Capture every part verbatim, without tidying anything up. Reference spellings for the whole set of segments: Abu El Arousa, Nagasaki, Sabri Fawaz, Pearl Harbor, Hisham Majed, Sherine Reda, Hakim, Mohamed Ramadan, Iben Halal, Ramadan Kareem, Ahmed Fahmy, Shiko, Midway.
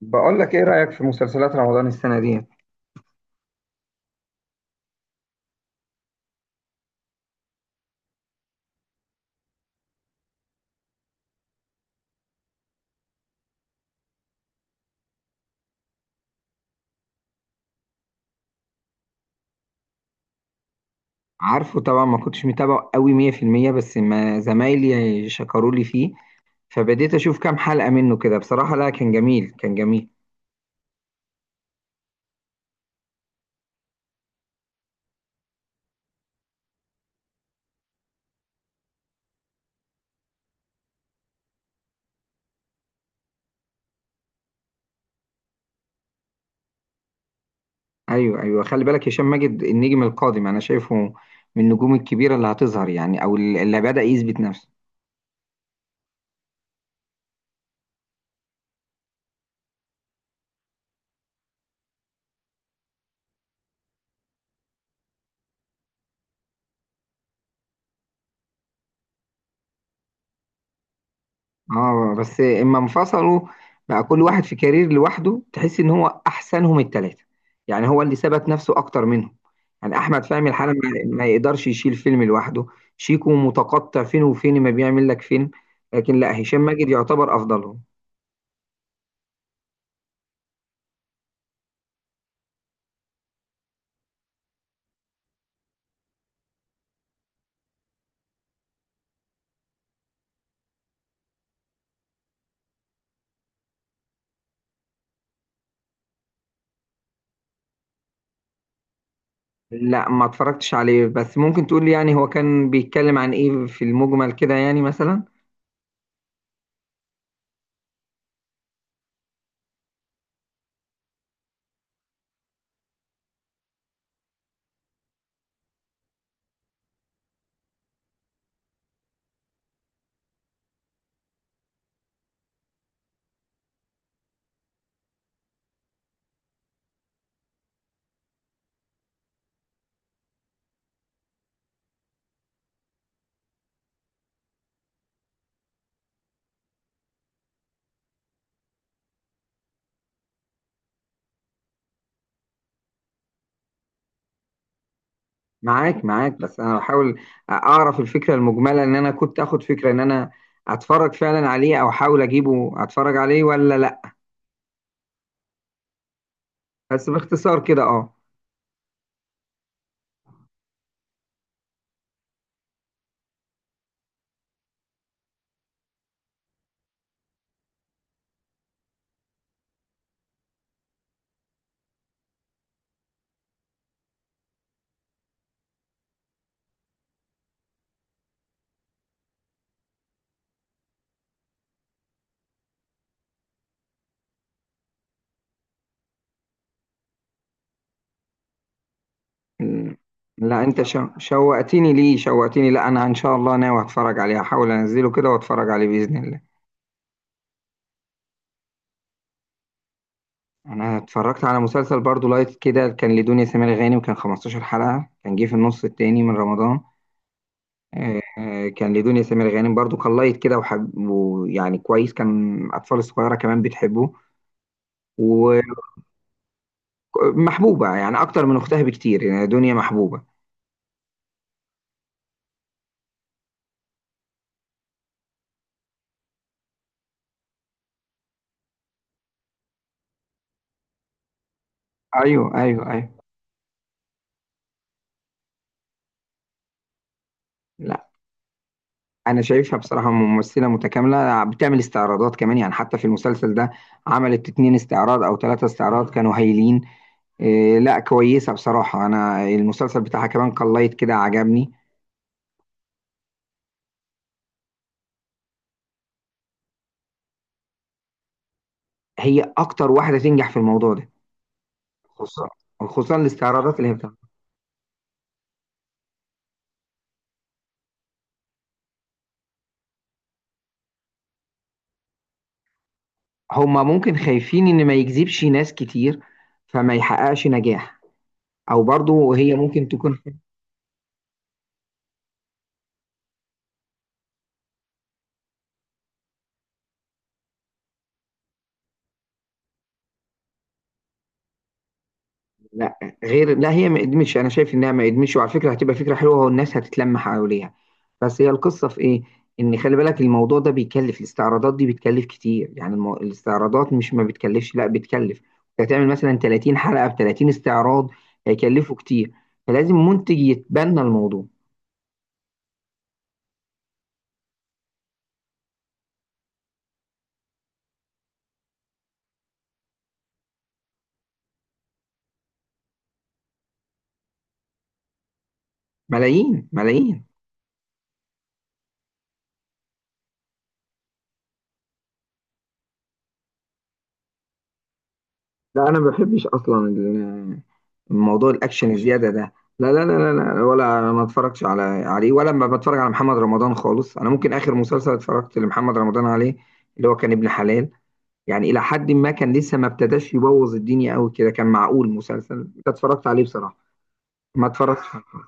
بقول لك ايه رأيك في مسلسلات رمضان السنة دي؟ عارفه طبعا، ما كنتش متابعه قوي مية في المية، بس ما زمايلي شكروا لي فيه. فبديت اشوف كام حلقة منه كده. بصراحة، لا، كان جميل، كان جميل. ايوه ايوه، خلي بالك، هشام ماجد النجم القادم انا شايفه، من النجوم الكبيرة اللي هتظهر، يعني او اللي بدأ يثبت نفسه. اه، بس اما انفصلوا، بقى كل واحد في كارير لوحده، تحس ان هو احسنهم التلاتة، يعني هو اللي ثبت نفسه اكتر منهم. يعني احمد فهمي الحالة ما ما يقدرش يشيل فيلم لوحده. شيكو متقطع فين وفين، ما بيعمل لك فيلم. لكن لا، هشام ماجد يعتبر افضلهم. لا، ما اتفرجتش عليه، بس ممكن تقول لي يعني هو كان بيتكلم عن ايه في المجمل كده، يعني مثلا. معاك معاك، بس انا بحاول اعرف الفكره المجمله، ان انا كنت اخد فكره ان انا اتفرج فعلا عليه، او احاول اجيبه اتفرج عليه ولا لا. بس باختصار كده، اه. م- لا، انت شو- شوقتني، ليه شوقتني؟ لا، انا ان شاء الله ناوي اتفرج عليه، هحاول انزله كده واتفرج عليه باذن الله. انا اتفرجت على مسلسل برضو لايت كده، كان لدنيا سمير غانم، كان خمستاشر حلقه، كان جه في النص التاني من رمضان. آه، آه، كان لدنيا سمير غانم برضو، كان لايت كده، وحب ويعني كويس، كان الاطفال الصغيره كمان بتحبه. ومحبوبة يعني أكتر من أختها بكتير، يعني دنيا محبوبة. ايوه ايوه ايوه. لا، أنا شايفها بصراحة ممثلة متكاملة، بتعمل استعراضات كمان يعني، حتى في المسلسل ده عملت اتنين استعراض أو ثلاثة استعراض كانوا هايلين. إيه، لا، كويسة بصراحة، أنا المسلسل بتاعها كمان قليت كده عجبني. هي أكتر واحدة تنجح في الموضوع ده. خصوصا، خصوصا الاستعراضات اللي هي بتعملها. هما ممكن خايفين إن ما يجذبش ناس كتير، فما يحققش نجاح، أو برضو هي ممكن تكون. لا، غير، لا هي ما قدمتش، انا شايف انها ما قدمتش، وعلى فكره هتبقى فكره حلوه والناس هتتلم حواليها. بس هي القصه في ايه، ان خلي بالك الموضوع ده بيكلف، الاستعراضات دي بتكلف كتير يعني، المو... الاستعراضات مش ما بتكلفش، لا بتكلف. انت هتعمل مثلا تلاتين حلقه ب تلاتين استعراض، هيكلفوا كتير، فلازم منتج يتبنى الموضوع. ملايين ملايين. لا، انا ما بحبش اصلا ال- الموضوع الاكشن الزياده ده. لا لا لا لا لا، ولا ما اتفرجش على عليه، ولا ما بتفرج على محمد رمضان خالص. انا ممكن اخر مسلسل اتفرجت لمحمد رمضان عليه، اللي هو كان ابن حلال، يعني الى حد ما كان لسه ما ابتداش يبوظ الدنيا قوي كده، كان معقول مسلسل ده، اتفرجت عليه بصراحه. ما اتفرجتش عليه.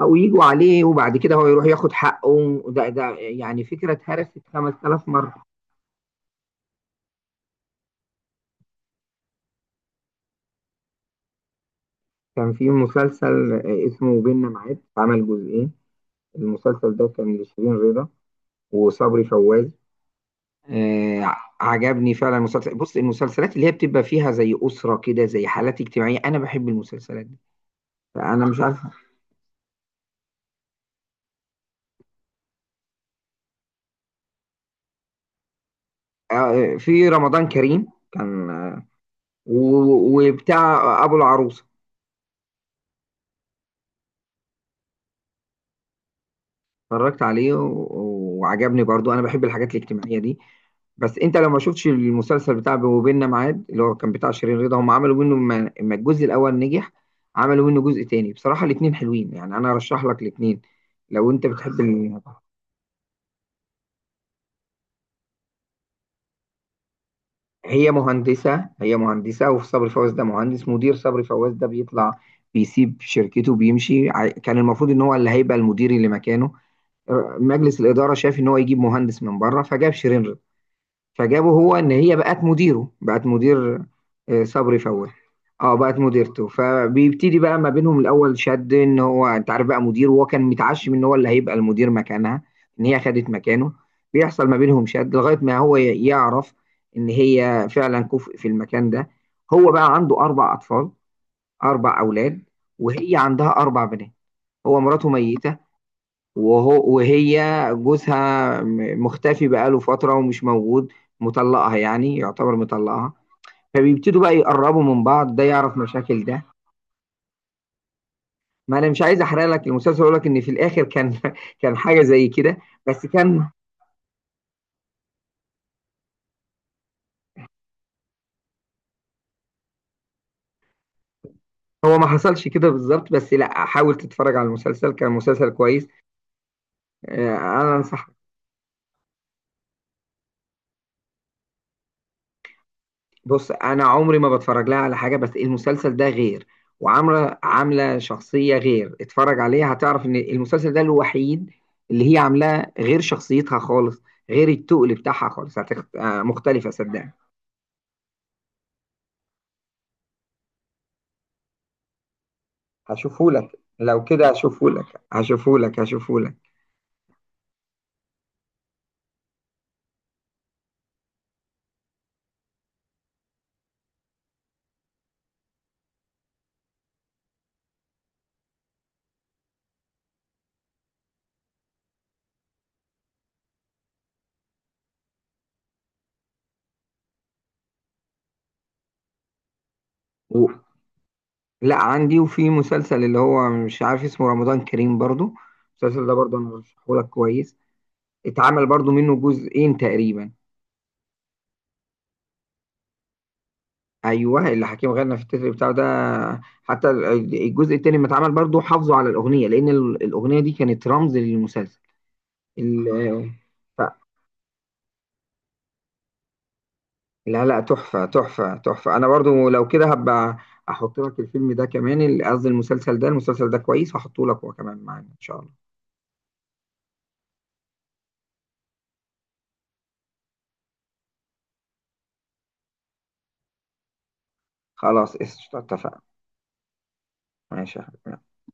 او يجوا عليه وبعد كده هو يروح ياخد حقه، ده ده يعني فكره اتهرست خمس تلاف مره. كان في مسلسل اسمه بيننا معاد، عمل جزئين. المسلسل ده كان لشيرين رضا وصبري فوازي. آه، عجبني فعلا المسلسل. بص المسلسلات اللي هي بتبقى فيها زي أسرة كده، زي حالات اجتماعية، أنا بحب المسلسلات دي. فأنا مش عارف. آه في رمضان كريم، كان. آه و- وبتاع أبو العروسة. اتفرجت عليه و- وعجبني برضو، أنا بحب الحاجات الاجتماعية دي. بس أنت لو ما شفتش المسلسل بتاع وبيننا ميعاد اللي هو كان بتاع شيرين رضا، هم عملوا منه ما ما الجزء الأول نجح، عملوا منه جزء تاني، بصراحة الاتنين حلوين يعني، أنا أرشح لك الاتنين. لو أنت بتحب ال... هي مهندسة هي مهندسة وفي صبري فواز ده مهندس مدير. صبري فواز ده بيطلع بيسيب شركته بيمشي، ع- كان المفروض ان هو اللي هيبقى المدير اللي مكانه. ر- مجلس الإدارة شاف ان هو يجيب مهندس من بره، فجاب شيرين. فجابه هو ان هي بقت مديره، بقت مدير، آه، صبري فواه، اه، بقت مديرته. فبيبتدي بقى ما بينهم الاول شد، ان هو انت عارف بقى مدير، وهو كان متعشم ان هو اللي هيبقى المدير مكانها، ان هي خدت مكانه. بيحصل ما بينهم شد لغايه ما هو ي- يعرف ان هي فعلا كفء في المكان ده. هو بقى عنده اربع اطفال، اربع اولاد، وهي عندها اربع بنات. هو مراته ميته، وهو وهي جوزها م- مختفي بقاله فترة ومش موجود، مطلقها، يعني يعتبر مطلقها. فبيبتدوا بقى يقربوا من بعض، ده يعرف مشاكل ده. ما انا مش عايز احرق لك المسلسل، اقول لك ان في الاخر كان كان حاجة زي كده. بس كان هو ما حصلش كده بالظبط. بس لا، حاول تتفرج على المسلسل، كان مسلسل كويس. آه، انا انصح. بص، انا عمري ما بتفرج لها على حاجه، بس المسلسل ده غير، وعامله عامله شخصيه غير. اتفرج عليها، هتعرف ان المسلسل ده الوحيد اللي هي عاملاه غير شخصيتها خالص، غير التقل بتاعها خالص. هتخ... آه، مختلفه، صدقني. هشوفهولك، لو كده هشوفهولك، هشوفهولك هشوفهولك. و... لا عندي. وفي مسلسل اللي هو مش عارف اسمه، رمضان كريم برضو، المسلسل ده برضو انا هشوفهولك كويس. اتعمل برضو منه جزئين تقريبا. ايوه، اللي حكيم غنى في التتر بتاعه ده، حتى ال- الجزء التاني لما اتعمل برضه حافظوا على الاغنيه، لان ال- الاغنيه دي كانت رمز للمسلسل. ال- ف- لا لا، تحفه تحفه تحفه. انا برضه لو كده هبقى احط لك الفيلم ده كمان، ال- قصدي المسلسل ده، المسلسل ده كويس، هحطه لك هو كمان معانا ان شاء الله. خلاص، قشطة، اتفقنا. ماشي يا حبيبي.